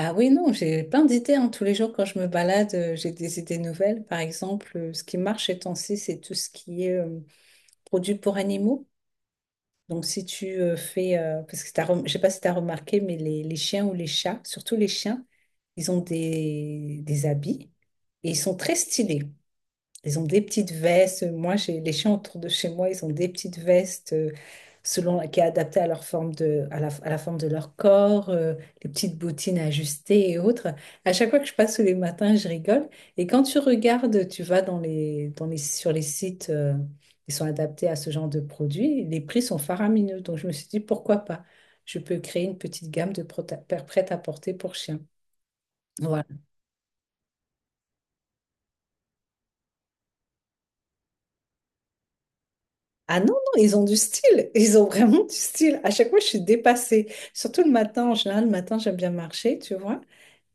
Ah oui, non, j'ai plein d'idées, hein. Tous les jours, quand je me balade, j'ai des idées nouvelles. Par exemple, ce qui marche ces temps-ci, c'est tout ce qui est produits pour animaux. Donc, si tu fais, parce que je sais pas si tu as remarqué, mais les chiens ou les chats, surtout les chiens, ils ont des habits et ils sont très stylés. Ils ont des petites vestes. Moi, j'ai les chiens autour de chez moi, ils ont des petites vestes selon qui est adaptée à leur forme de, à la forme de leur corps, les petites bottines ajustées et autres. À chaque fois que je passe tous les matins, je rigole. Et quand tu regardes, tu vas sur les sites qui sont adaptés à ce genre de produits, les prix sont faramineux. Donc, je me suis dit, pourquoi pas? Je peux créer une petite gamme de prêt à porter pour chiens. Voilà. Ah non, non, ils ont du style. Ils ont vraiment du style. À chaque fois, je suis dépassée. Surtout le matin, en général, le matin, j'aime bien marcher, tu vois.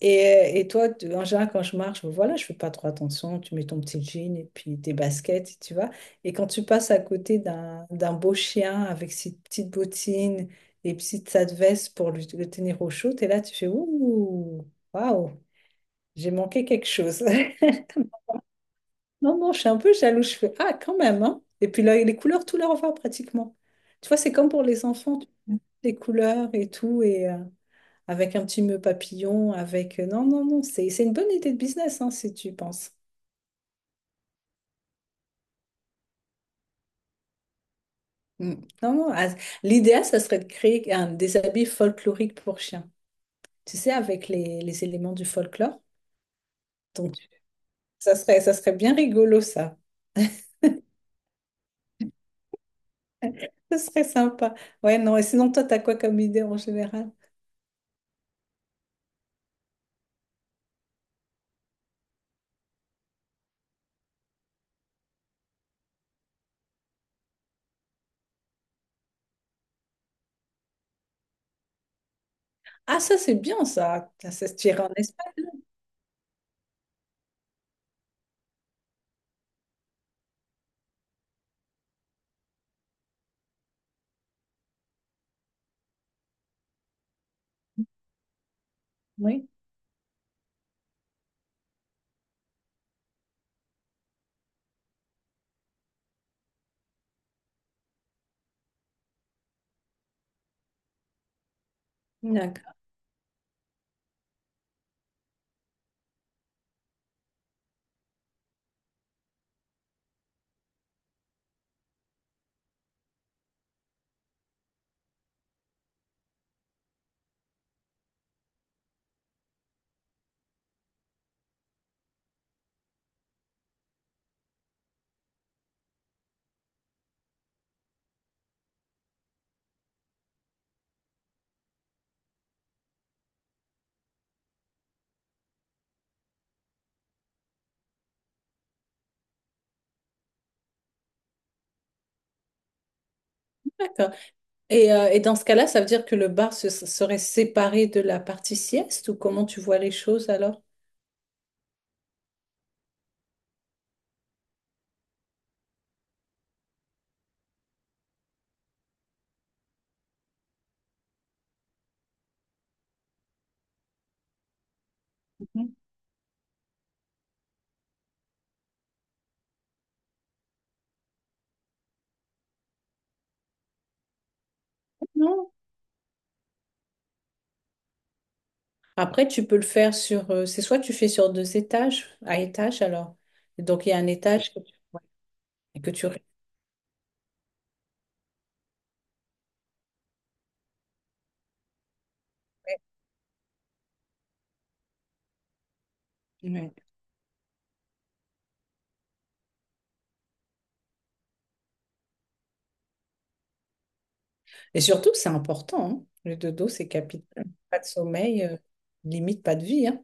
Et, et toi, en général, quand je marche, ben voilà, je fais pas trop attention. Tu mets ton petit jean et puis tes baskets, tu vois. Et quand tu passes à côté d'un beau chien avec ses petites bottines et petite sa veste pour le tenir au chaud, et là, tu fais ouh, waouh, j'ai manqué quelque chose. Non, non, je suis un peu jaloux. Je fais, ah, quand même, hein. Et puis là, les couleurs, tout leur va pratiquement. Tu vois, c'est comme pour les enfants, les couleurs et tout, et avec un petit nœud papillon, avec... Non, non, non, c'est une bonne idée de business, hein, si tu y penses. Mm. Non, non, ah, l'idéal, ça serait de créer des habits folkloriques pour chiens. Tu sais, avec les éléments du folklore. Donc, ça serait bien rigolo, ça. Ça serait sympa. Ouais, non, et sinon, toi, t'as quoi comme idée en général? Ah, ça, c'est bien, ça. Ça se tire en Espagne. Oui, d'accord, d'accord. Et dans ce cas-là, ça veut dire que le bar serait séparé de la partie sieste ou comment tu vois les choses alors? Mhm. Non. Après, tu peux le faire sur... c'est soit tu fais sur deux étages, à étage alors. Et donc, il y a un étage que tu, ouais, et que tu respectes. Ouais. Et surtout, c'est important, hein. Le dodo, c'est capital. Pas de sommeil, limite pas de vie, hein.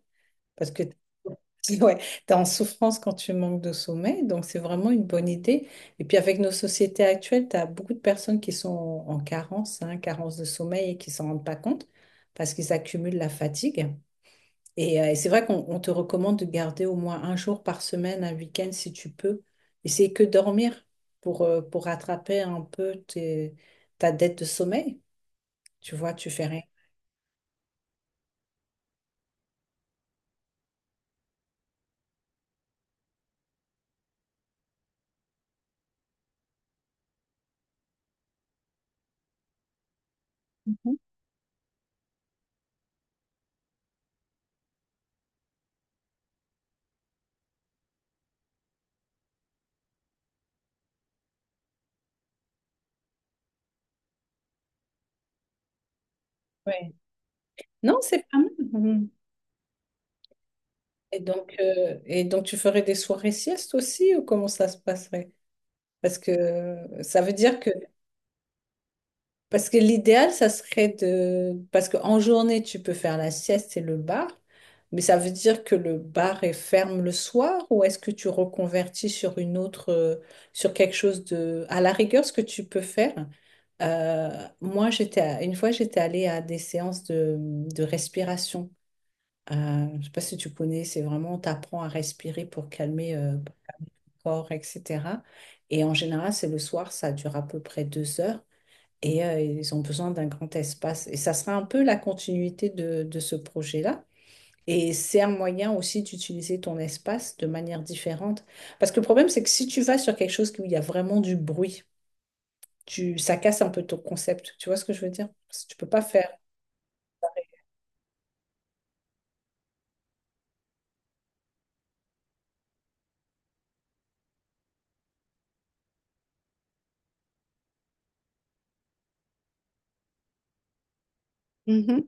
Parce que ouais, tu es en souffrance quand tu manques de sommeil, donc c'est vraiment une bonne idée. Et puis avec nos sociétés actuelles, tu as beaucoup de personnes qui sont en carence, hein, carence de sommeil et qui s'en rendent pas compte parce qu'ils accumulent la fatigue. Et c'est vrai qu'on on te recommande de garder au moins un jour par semaine, un week-end si tu peux. Essaye que dormir pour rattraper un peu ta dette de sommeil. Tu vois, tu fais rien. Ouais. Non, c'est pas mal. Et donc, tu ferais des soirées siestes aussi ou comment ça se passerait? Parce que ça veut dire que, parce que l'idéal, ça serait de, parce qu'en journée, tu peux faire la sieste et le bar, mais ça veut dire que le bar est ferme le soir ou est-ce que tu reconvertis sur une autre, sur quelque chose de, à la rigueur, ce que tu peux faire. Moi, une fois, j'étais allée à des séances de respiration. Je sais pas si tu connais, c'est vraiment, on t'apprend à respirer pour calmer corps, etc. Et en général, c'est le soir, ça dure à peu près deux heures et ils ont besoin d'un grand espace. Et ça sera un peu la continuité de ce projet-là. Et c'est un moyen aussi d'utiliser ton espace de manière différente. Parce que le problème, c'est que si tu vas sur quelque chose où il y a vraiment du bruit, tu, ça casse un peu ton concept. Tu vois ce que je veux dire? Parce que tu peux pas faire. Mhm.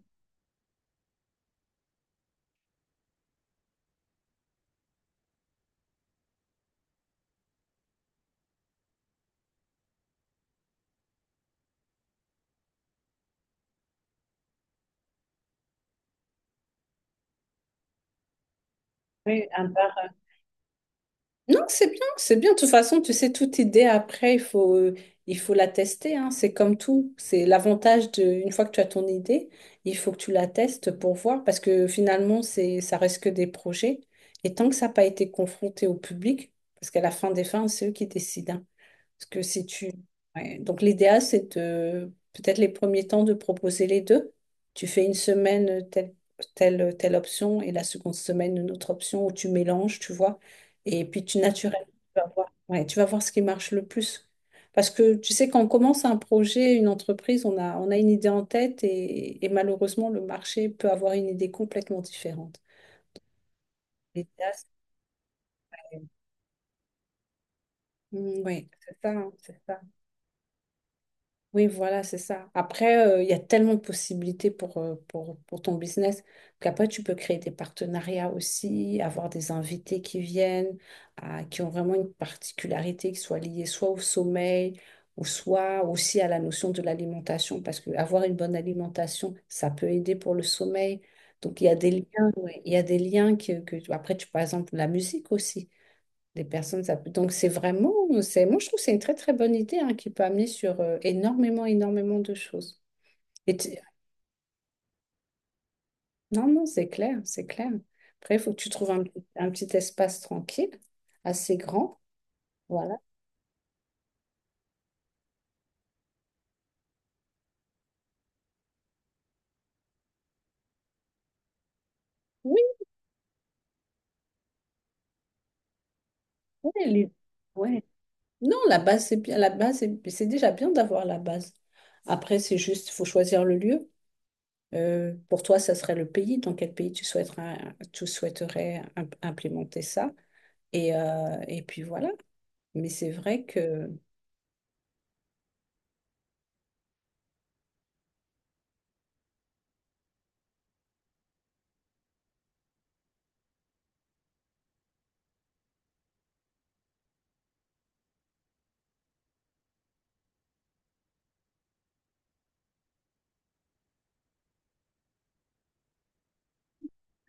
Oui, un. Non, c'est bien, c'est bien. De toute façon, tu sais, toute idée après, il faut la tester, hein. C'est comme tout. C'est l'avantage de, une fois que tu as ton idée, il faut que tu la testes pour voir, parce que finalement, c'est, ça reste que des projets. Et tant que ça n'a pas été confronté au public, parce qu'à la fin des fins, c'est eux qui décident, hein. Parce que si tu... ouais. Donc l'idéal, c'est de peut-être les premiers temps de proposer les deux. Tu fais une semaine telle, telle option et la seconde semaine une autre option où tu mélanges, tu vois. Et puis tu naturellement, tu vas voir, ouais, tu vas voir ce qui marche le plus. Parce que tu sais, quand on commence un projet, une entreprise, on a une idée en tête et malheureusement, le marché peut avoir une idée complètement différente. L'idéal, c'est- Mm, oui, c'est ça, hein, c'est ça. Oui, voilà, c'est ça. Après, il y a tellement de possibilités pour, pour ton business qu'après, tu peux créer des partenariats aussi, avoir des invités qui viennent, qui ont vraiment une particularité qui soit liée soit au sommeil ou soit aussi à la notion de l'alimentation, parce que avoir une bonne alimentation, ça peut aider pour le sommeil. Donc, il y a des liens, ouais, il y a des liens après, tu, par exemple, la musique aussi. Des personnes, ça peut... Donc c'est vraiment, c'est... moi je trouve que c'est une très très bonne idée, hein, qui peut amener sur énormément, énormément de choses. Et tu- Non, non, c'est clair, c'est clair. Après, il faut que tu trouves un petit espace tranquille, assez grand. Voilà. Oui, oui, les- ouais. Non, la base, c'est bien. La base, c'est déjà bien d'avoir la base. Après, c'est juste, il faut choisir le lieu. Pour toi, ça serait le pays. Dans quel pays tu souhaiterais implémenter ça? Et puis voilà. Mais c'est vrai que.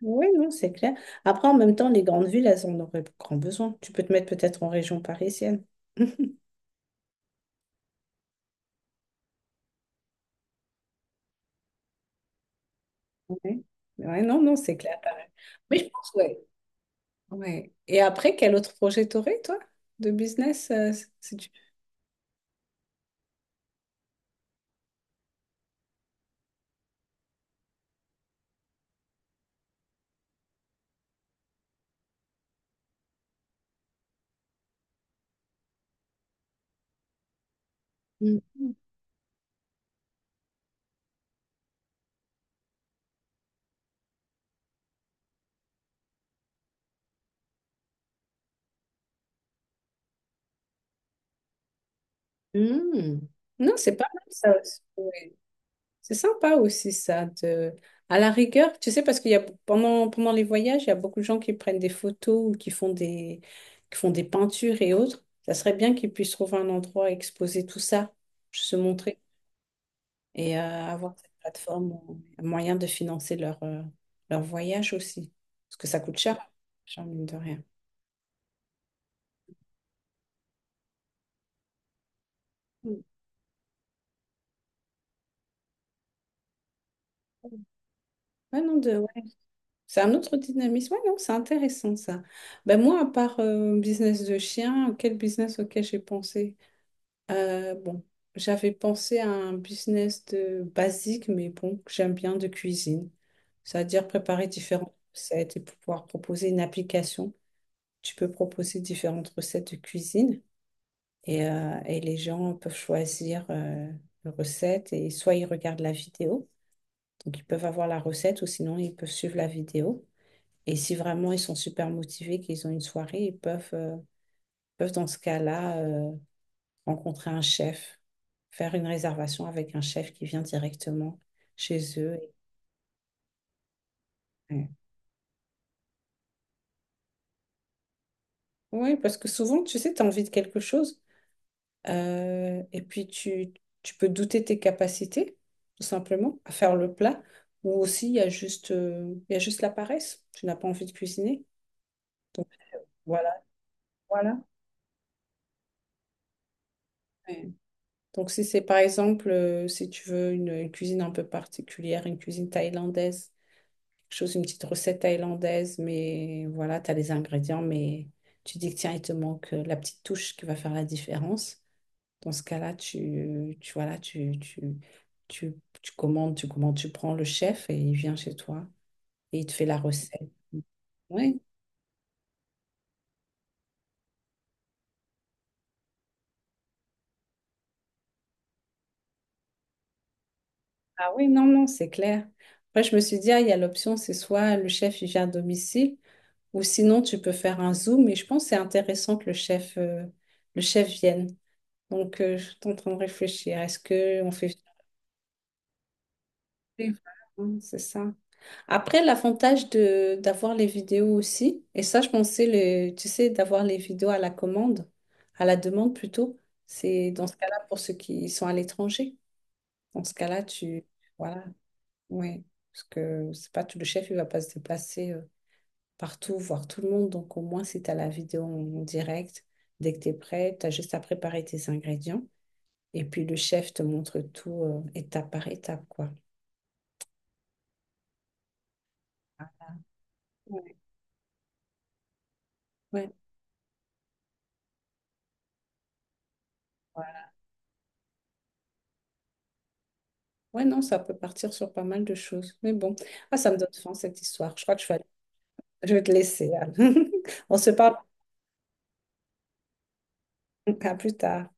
Oui, non, c'est clair. Après, en même temps, les grandes villes, elles en auraient grand besoin. Tu peux te mettre peut-être en région parisienne. Ouais. Ouais, non, non, c'est clair, pareil. Mais je pense, ouais. Ouais. Et après, quel autre projet t'aurais, toi, de business, si tu... Mm. Mm. Non, c'est pas mal, ça aussi. C'est sympa aussi ça de, à la rigueur, tu sais, parce qu'il y a pendant les voyages, il y a beaucoup de gens qui prennent des photos ou qui font des peintures et autres. Ça serait bien qu'ils puissent trouver un endroit et exposer tout ça, se montrer et avoir cette plateforme, un moyen de financer leur leur voyage aussi parce que ça coûte cher, cher mine de rien. Mm. Ouais, non, de, ouais. C'est un autre dynamisme. Ouais, non, c'est intéressant ça. Ben moi, à part business de chien, quel business auquel j'ai pensé? Bon, j'avais pensé à un business de basique, mais bon, j'aime bien de cuisine. C'est-à-dire préparer différentes recettes et pouvoir proposer une application. Tu peux proposer différentes recettes de cuisine et les gens peuvent choisir une recette et soit ils regardent la vidéo, donc ils peuvent avoir la recette ou sinon ils peuvent suivre la vidéo. Et si vraiment ils sont super motivés, qu'ils ont une soirée, ils peuvent, peuvent dans ce cas-là rencontrer un chef, faire une réservation avec un chef qui vient directement chez eux. Ouais. Oui, parce que souvent, tu sais, tu as envie de quelque chose et puis tu peux douter tes capacités, tout simplement, à faire le plat. Ou aussi, il y a juste la paresse. Tu n'as pas envie de cuisiner. Voilà, voilà. Ouais. Donc, si c'est par exemple, si tu veux une cuisine un peu particulière, une cuisine thaïlandaise, chose, une petite recette thaïlandaise, mais voilà, tu as les ingrédients, mais tu dis que tiens, il te manque la petite touche qui va faire la différence. Dans ce cas-là, tu, tu commandes, tu prends le chef et il vient chez toi et il te fait la recette. Oui, ah oui, non, non, c'est clair. Après, je me suis dit, ah, il y a l'option, c'est soit le chef il vient à domicile, ou sinon tu peux faire un Zoom, mais je pense que c'est intéressant que le chef vienne. Donc, je suis en train de réfléchir. Est-ce qu'on fait. Oui, voilà, hein, c'est ça. Après, l'avantage de d'avoir les vidéos aussi, et ça, je pensais, le, tu sais, d'avoir les vidéos à la demande plutôt, c'est dans ce cas-là pour ceux qui sont à l'étranger. Dans ce cas-là, tu... Voilà, oui. Parce que c'est pas tout, le chef, il va pas se déplacer partout, voir tout le monde. Donc au moins, si tu as la vidéo en direct, dès que tu es prêt, tu as juste à préparer tes ingrédients. Et puis le chef te montre tout étape par étape, quoi. Ouais. Ouais. Ouais, non, ça peut partir sur pas mal de choses. Mais bon, ah, ça me donne faim cette histoire. Je crois que je vais te laisser, Anne. On se parle à plus tard.